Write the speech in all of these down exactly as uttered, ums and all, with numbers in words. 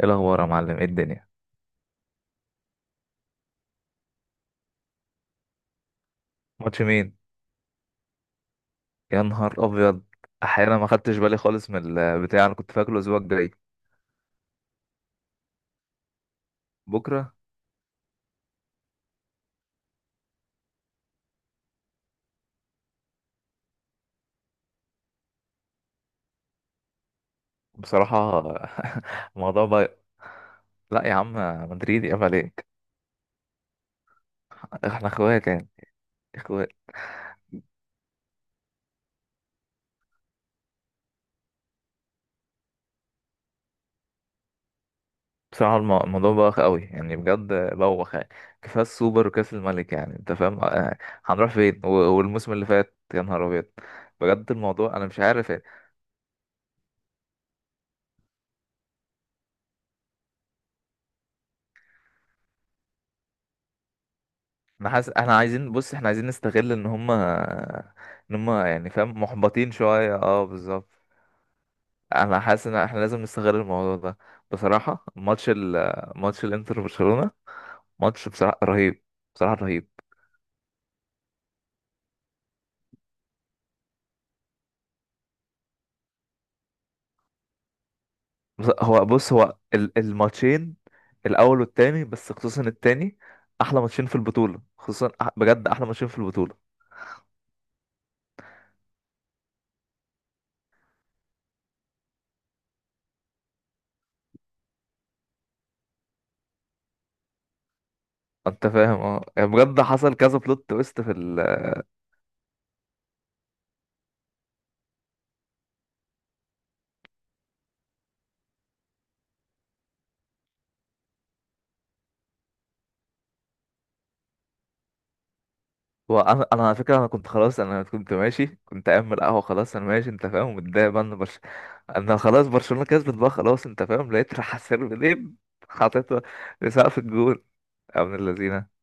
ايه الاخبار يا معلم، ايه الدنيا؟ ماتش مين؟ يا نهار ابيض. احيانا ما خدتش بالي خالص من البتاع، انا كنت فاكره الاسبوع الجاي. بكره. بصراحه. الموضوع بقى. لا يا عم. مدريد يا عليك. احنا اخوات يعني، اخوات. بصراحه الم- الموضوع بوخ قوي يعني، بجد بوخ يعني. كفايه السوبر وكاس الملك، يعني انت فاهم آه، هنروح فين و- والموسم اللي فات؟ يا نهار ابيض. بجد الموضوع انا مش عارف. انا حاسس احنا عايزين، بص احنا عايزين نستغل ان هم ان هم يعني فاهم محبطين شويه. اه بالظبط. انا حاسس ان احنا لازم نستغل الموضوع ده. بصراحه ماتش ال ماتش الانتر وبرشلونه. ماتش بصراحه رهيب، بصراحه رهيب. بص- هو بص، هو ال- الماتشين الاول والتاني، بس خصوصا التاني. احلى ماتشين في البطوله، خصوصا أح- بجد احلى ماتشين في البطوله. انت فاهم، اه يعني بجد حصل كذا بلوت تويست في. وانا انا انا على فكره، انا كنت خلاص، انا كنت ماشي، كنت قايم من القهوه، خلاص انا ماشي، انت فاهم متضايق بقى ان برش... انا خلاص برشلونه كسبت بقى خلاص. انت فاهم لقيت راح سيرفين حاططها لسقف الجول. يا ابن اللذينه.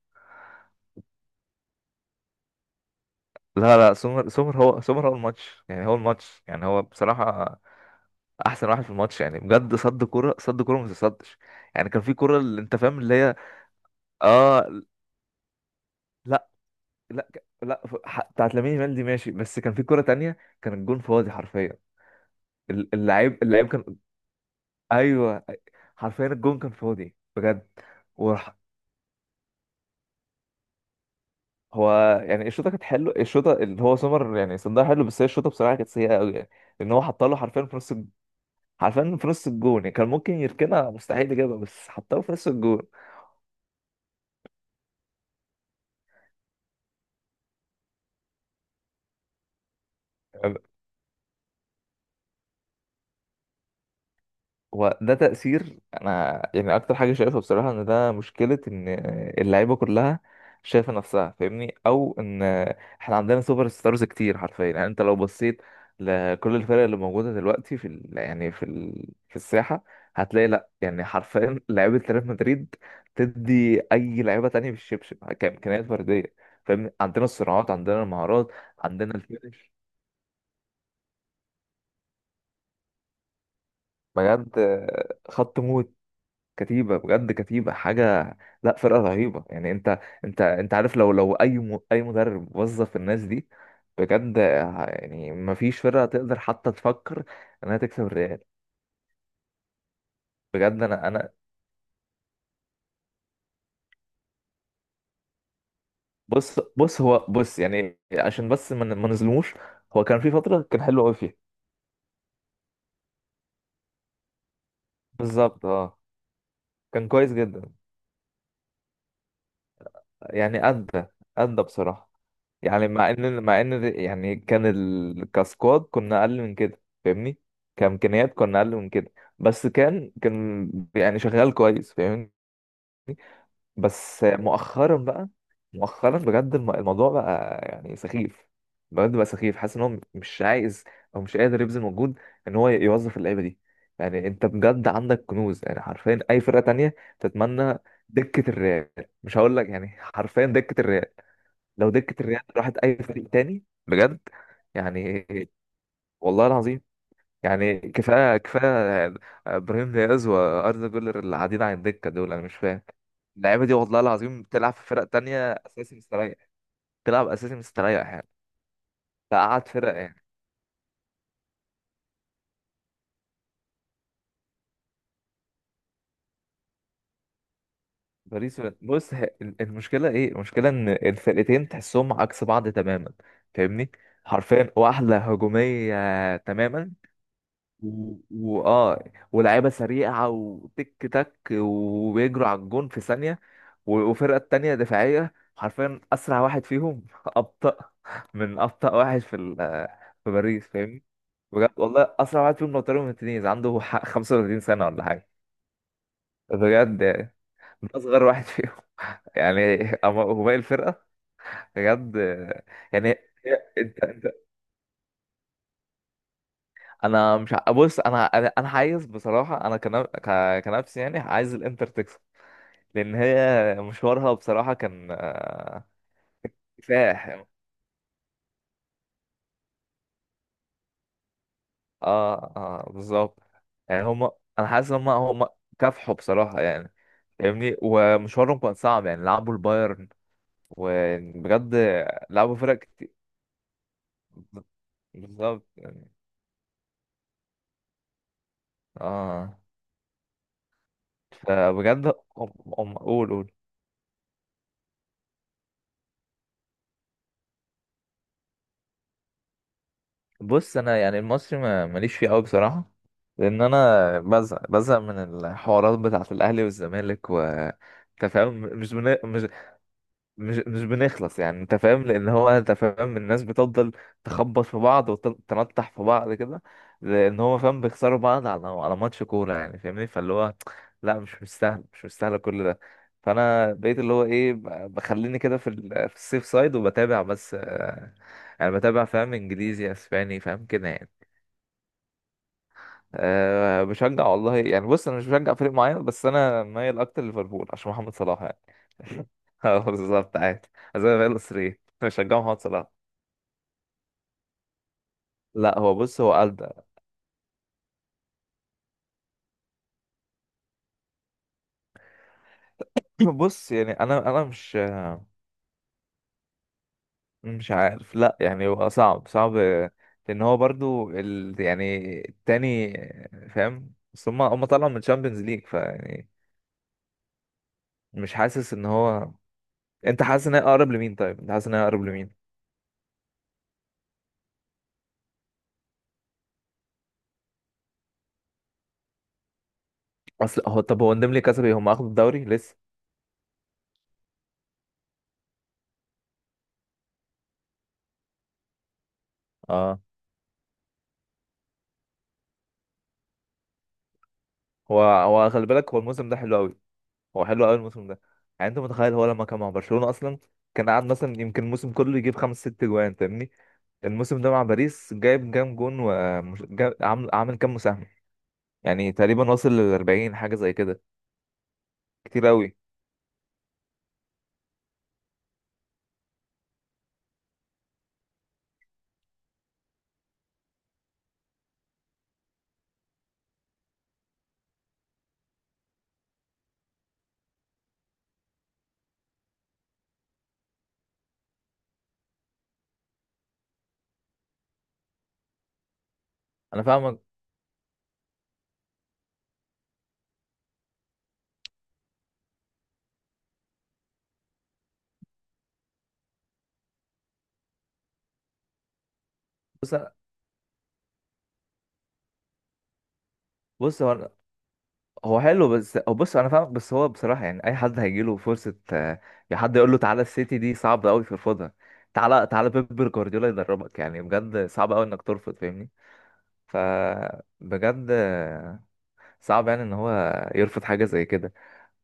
لا لا، سومر، سومر هو سومر هو الماتش يعني، هو الماتش يعني، هو بصراحه احسن واحد في الماتش، يعني بجد صد كوره، صد كوره ما تصدش. يعني كان في كوره اللي انت فاهم اللي هي. اه. لا لا لا، ح- بتاعت لامين يامال دي ماشي، بس كان في كوره تانية. كان الجون فاضي حرفيا. ال- اللعيب اللعيب كان. ايوه. حرفيا الجون كان فاضي بجد. وراح. هو، يعني الشوطه كانت حلوه، الشوطه اللي هو سمر يعني صندها حلو، بس هي الشوطه بصراحه كانت سيئه قوي يعني. لان هو حطها له حرفيا في نص الج- حرفيا في نص الجون. يعني كان ممكن يركنها، مستحيل يجيبها، بس حطها له في نص الجون. هو ده تأثير. أنا يعني أكتر حاجة شايفها بصراحة إن ده مشكلة، إن اللعيبة كلها شايفة نفسها، فاهمني، أو إن إحنا عندنا سوبر ستارز كتير حرفيا. يعني أنت لو بصيت لكل الفرق اللي موجودة دلوقتي في ال... يعني في ال... في الساحة، هتلاقي، لأ يعني حرفيا لعيبة ريال مدريد تدي أي لعيبة تانية بالشبشب كإمكانيات فردية. فاهمني، عندنا الصراعات، عندنا المهارات، عندنا الفينش. بجد خط موت. كتيبة، بجد كتيبة حاجة. لا فرقة رهيبة، يعني انت انت انت عارف، لو لو اي م... اي مدرب وظف الناس دي، بجد ه- يعني مفيش فرقة تقدر حتى تفكر انها تكسب الريال. بجد انا انا. بص بص هو بص يعني، عشان بس ما من... نظلموش. هو كان في فترة كان حلو قوي فيها. بالظبط اه. كان كويس جدا. يعني ادى، ادى بصراحة. يعني مع ان مع ان يعني كان ال... كسكواد كنا اقل من كده، فاهمني. كامكانيات كنا اقل من كده. بس كان كان يعني شغال كويس، فاهمني. بس مؤخرا بقى. مؤخرا بجد الم- الموضوع بقى يعني سخيف. بجد بقى سخيف. حاسس ان هو مش عايز، او مش قادر يبذل مجهود ان هو يوظف اللعيبه دي. يعني انت بجد عندك كنوز، يعني حرفيا اي فرقه تانية تتمنى دكه الريال. مش هقول لك يعني، حرفيا دكه الريال لو دكة الريال راحت أي فريق تاني، بجد يعني والله العظيم. يعني كفاية، كفاية. إبراهيم دياز وأردا جولر اللي قاعدين على الدكة دول، أنا مش فاهم. اللعيبة دي والله العظيم تلعب في فرق تانية أساسي مستريح، تلعب أساسي مستريح يعني، تقعد فرق يعني. باريس و- بص هي- المشكلة إيه؟ المشكلة إن الفرقتين تحسهم عكس بعض تماما، فاهمني؟ حرفيا واحدة هجومية تماما، و- واه ولاعيبه سريعه، وتك تك، وبيجروا على الجون في ثانيه. و- وفرقه التانيه دفاعيه، حرفيا اسرع واحد فيهم ابطا من ابطا واحد في ال- في باريس، فاهمني. بجد والله اسرع واحد فيهم لوتارو مارتينيز عنده ح- خمسة وتلاتين سنه ولا حاجه، بجد يعني، من اصغر واحد فيهم. يعني أما هو باقي الفرقه، بجد يعني. هي- انت انت انا مش ع- بص انا انا أنا عايز بصراحه، انا كنا- ك- كنفسي يعني عايز الانتر تكسب، لان هي مشوارها بصراحه كان آه، كفاح. اه اه بالظبط. يعني هم، انا حاسس ان هم هم كافحوا بصراحه يعني، فاهمني. ومشوارهم كان صعب، يعني لعبوا البايرن وبجد لعبوا فرق كتير. بالظبط يعني. اه فبجد هم، هم- قول قول. بص انا يعني المصري ما- ماليش فيه قوي بصراحه، لان انا بزهق بزهق من الحوارات بتاعه الاهلي والزمالك و. أنت فاهم، مش بن... مش مش مش بنخلص يعني، انت فاهم. لان هو انت فاهم الناس بتفضل تخبط في بعض وتنطح في بعض كده، لان هو فاهم بيخسروا بعض على على ماتش كوره يعني، فاهمني. فاللي هو لا، مش مستاهل، مش مستاهل كل ده. فانا بقيت اللي هو ايه، ب- بخليني كده في ال- في السيف سايد، وبتابع بس آه، يعني بتابع، فاهم انجليزي، اسباني، فاهم كده يعني. أه بشجع والله يعني، بص انا مش بشجع فريق معين بس انا مايل اكتر ليفربول عشان محمد صلاح يعني. اه بالظبط عادي. زي ما بقول اسري بشجع محمد صلاح. لا هو بص هو قال ده. بص يعني انا انا مش مش عارف، لا يعني هو صعب صعب. لان هو برضو ال يعني التاني فاهم، بس هم هم طلعوا من الشامبيونز ليج، فيعني مش حاسس ان هو. انت حاسس ان هي اقرب لمين؟ طيب انت حاسس ان هي اقرب لمين؟ اصل هو، طب هو نديم لي كسبي، هم اخدوا الدوري لسه. اه هو هو خلي بالك، هو الموسم ده حلو قوي، هو حلو قوي الموسم ده. يعني انت متخيل، هو لما كان مع برشلونة اصلا، كان قاعد مثلا يمكن الموسم كله يجيب خمس ست جوان، فاهمني. الموسم ده مع باريس جايب كام جون، وعامل عامل كام مساهمة. يعني تقريبا واصل لل أربعين حاجة زي كده، كتير قوي. انا فاهمك. بص بص هو هو حلو بس، هو بص، انا فاهمك بس هو بصراحة يعني اي حد هيجي له فرصة آه، يا حد يقول له تعالى السيتي دي، صعب قوي ترفضها. تعالى تعالى بيب جوارديولا يدربك، يعني بجد صعب قوي انك ترفض، فاهمني. فبجد صعب يعني ان هو يرفض حاجه زي كده.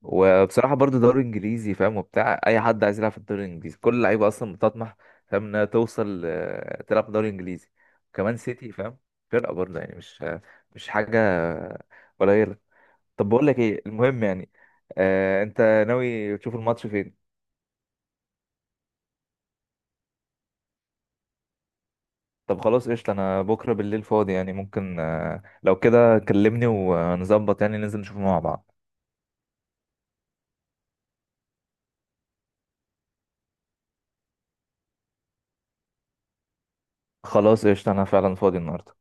وبصراحه برضو دوري انجليزي فاهم، وبتاع اي حد عايز يلعب في الدوري الانجليزي، كل اللعيبه اصلا بتطمح فاهم انها توصل آه، تلعب في الدوري الانجليزي. وكمان سيتي فاهم، فرقه برضه يعني، مش مش حاجه قليله. طب بقول لك ايه المهم يعني. آه انت ناوي تشوف الماتش فين؟ طب خلاص قشطه، انا بكره بالليل فاضي، يعني ممكن آه، لو كده كلمني ونظبط يعني، ننزل نشوفه مع بعض. خلاص قشطة أنا فعلا فاضي النهاردة.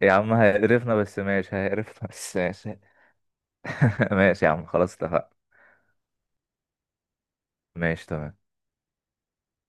يا عم هيقرفنا بس ماشي، هيقرفنا بس ماشي. ماشي يا عم خلاص اتفقنا. ماشي تمام.